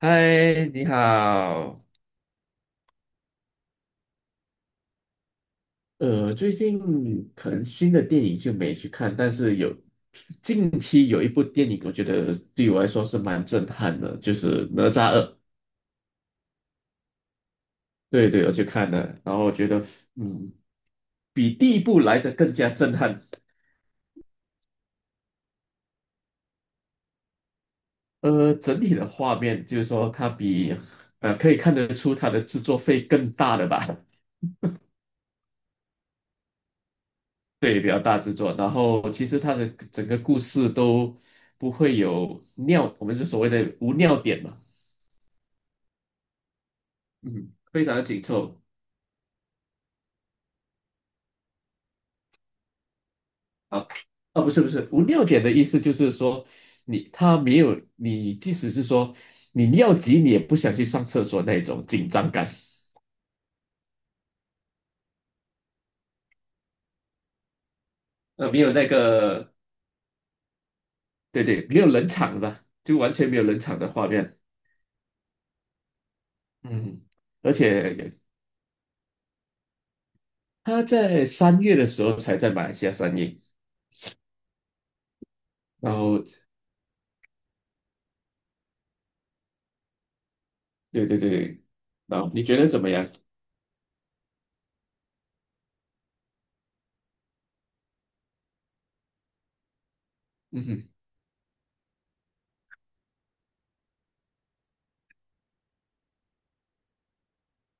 嗨，你好。最近可能新的电影就没去看，但是近期有一部电影，我觉得对我来说是蛮震撼的，就是《哪吒二》。对对，我去看了，然后我觉得嗯，比第一部来的更加震撼。整体的画面就是说，可以看得出它的制作费更大的吧。对，比较大制作。然后其实它的整个故事都不会有尿，我们是所谓的无尿点嘛，嗯，非常的紧凑。啊啊，不是不是，无尿点的意思就是说你它没有你，即使是说你尿急，你也不想去上厕所那种紧张感，没有那个，对对，没有冷场吧？就完全没有冷场的画面，嗯，而且它在三月的时候才在马来西亚上映。然后对对对，然后你觉得怎么样？嗯哼，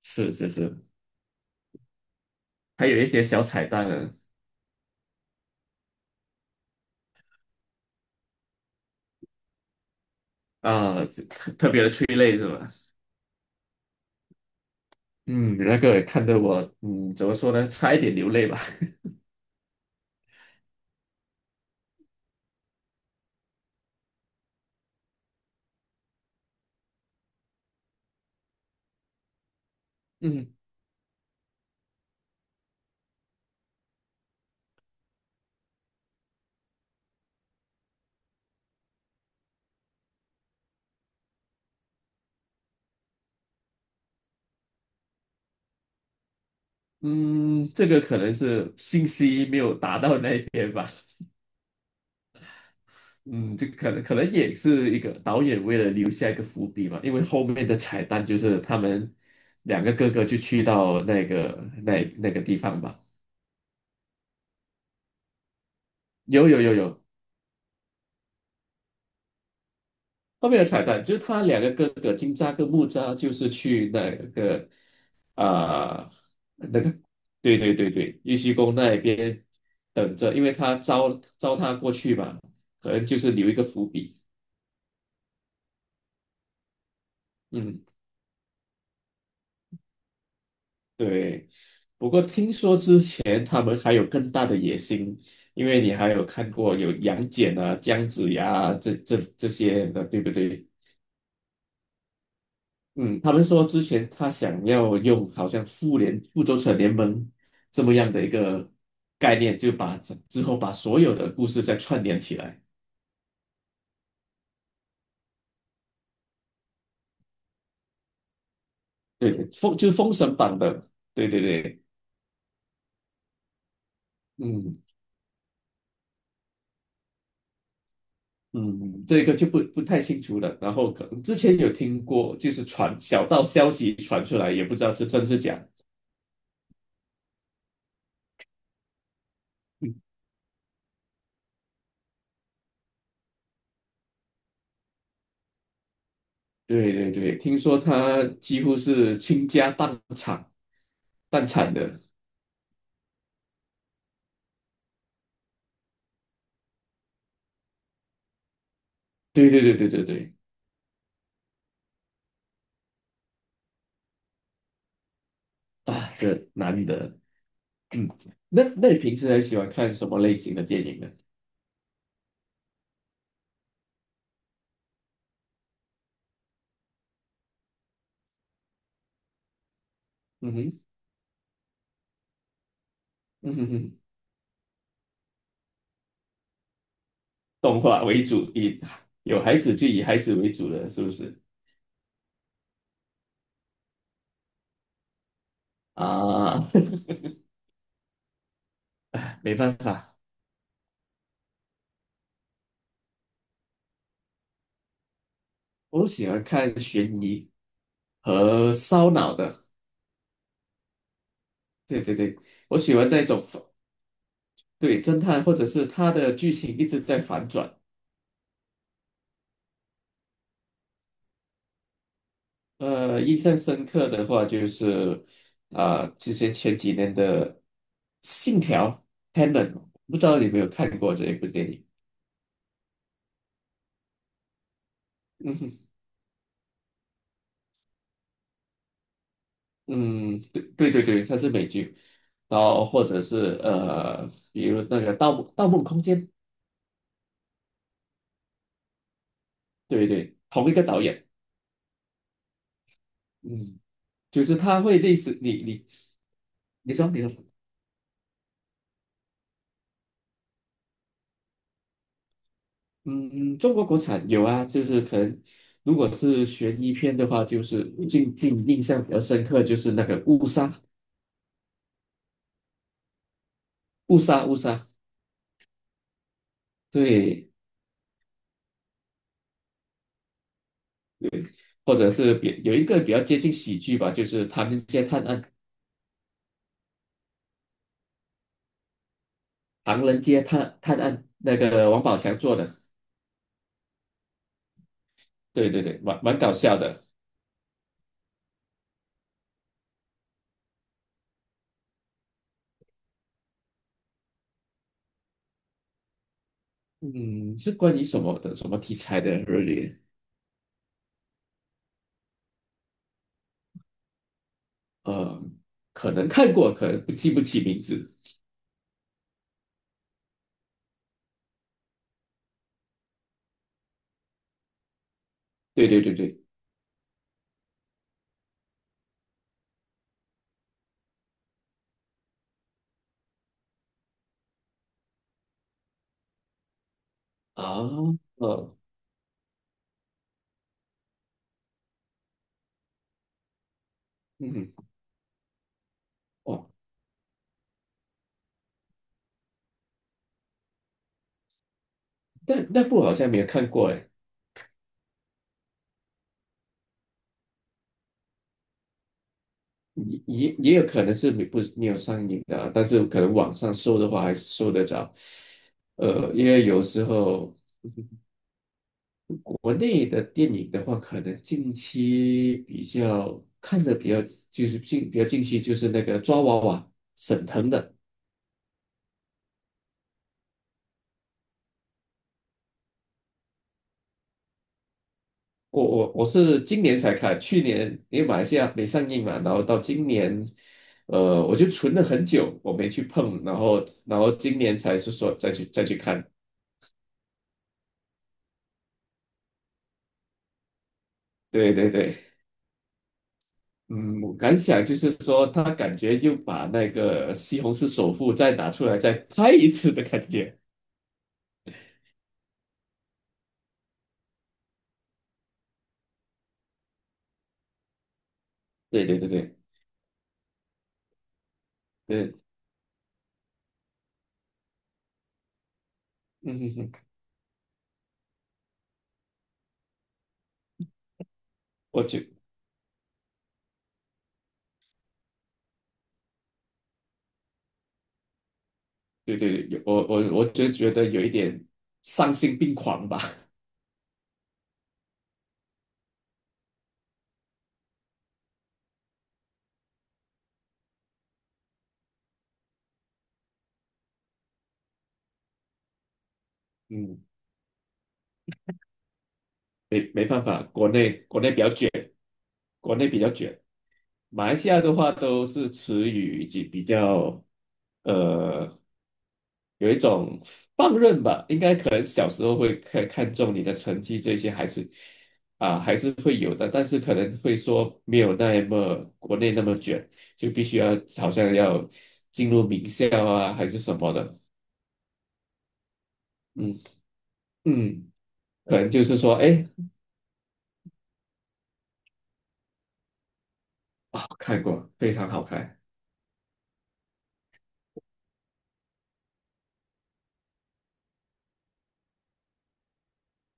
是是是，还有一些小彩蛋呢，啊，是特别的催泪是吧？嗯，那个也看得我，嗯，怎么说呢，差一点流泪吧。嗯嗯，这个可能是信息没有达到那边吧。嗯，这可能也是一个导演为了留下一个伏笔嘛，因为后面的彩蛋就是他们两个哥哥就去到那个地方吧。有有有有，后面的彩蛋就是他两个哥哥金吒跟木吒，就是去啊、那个，对对对对，玉虚宫那边等着，因为他招他过去嘛，可能就是留一个伏笔。嗯，对。不过听说之前他们还有更大的野心，因为你还有看过有杨戬啊、姜子牙啊这些的，对不对？嗯，他们说之前他想要用好像复联、复仇者联盟这么样的一个概念，就之后把所有的故事再串联起来。对对，就是封神榜的，对对对，嗯嗯，这个就不太清楚了。然后可能之前有听过，就是小道消息传出来，也不知道是真是假。嗯，对对对，听说他几乎是倾家荡产，荡产的。对对对对对对，啊，这难得。那你平时还喜欢看什么类型的电影呢？嗯哼，嗯哼哼，动画为主，有孩子就以孩子为主了，是不是？啊，唉没办法，我喜欢看悬疑和烧脑的。对对对，我喜欢那种对侦探，或者是他的剧情一直在反转。印象深刻的话就是之前前几年的《信条》(Tenet)，不知道你有没有看过这一部电影？嗯哼。嗯，对对对对，它是美剧，然后或者是比如那个《盗墓盗梦空间》，对对，同一个导演，嗯，就是他会类似你说，嗯，中国国产有啊，就是可能如果是悬疑片的话，就是最近印象比较深刻就是那个误杀误杀误杀，对，或者是有一个比较接近喜剧吧，就是《唐人街探案》，《唐人街探案》那个王宝强做的。对对对，蛮搞笑的。嗯，是关于什么的什么题材的热烈？呃，可能看过，可能不起名字。对对对对，啊，呃，嗯，哦，那部好像没有看过哎，也有可能是没有上映的啊但是可能网上搜的话还是搜得着。因为有时候国内的电影的话，可能近期比较看的比较就是比较近期就是那个抓娃娃沈腾的。我是今年才看，去年因为马来西亚没上映嘛，然后到今年，我就存了很久，我没去碰，然后今年才是说再去看。对对对，嗯，我感想就是说，他感觉又把那个《西红柿首富》再拿出来再拍一次的感觉。对对对对对，嗯哼哼，我觉对对，我就觉得有一点丧心病狂吧。嗯，没办法，国内比较卷，国内比较卷。马来西亚的话都是词语以及比较呃有一种放任吧，应该可能小时候会看重你的成绩这些还是会有的，但是可能会说没有那么国内那么卷，就必须要好像要进入名校啊还是什么的，嗯嗯，可能就是说哎啊、看过非常好看，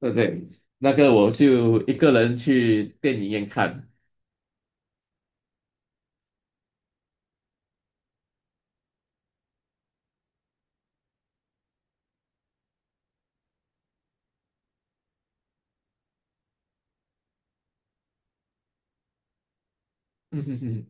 对不对，那个我就一个人去电影院看。嗯哼哼。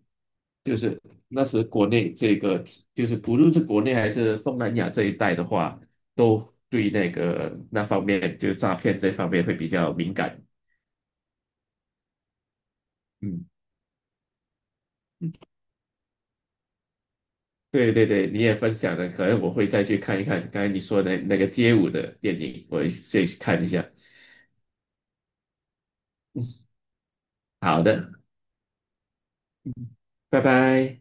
就是那时国内这个就是不论是国内还是东南亚这一带的话，都对那个那方面，就诈骗这方面会比较敏感。嗯，对对对，你也分享了，可能我会再去看一看刚才你说的那个街舞的电影，我也再去看一下。好的，拜拜。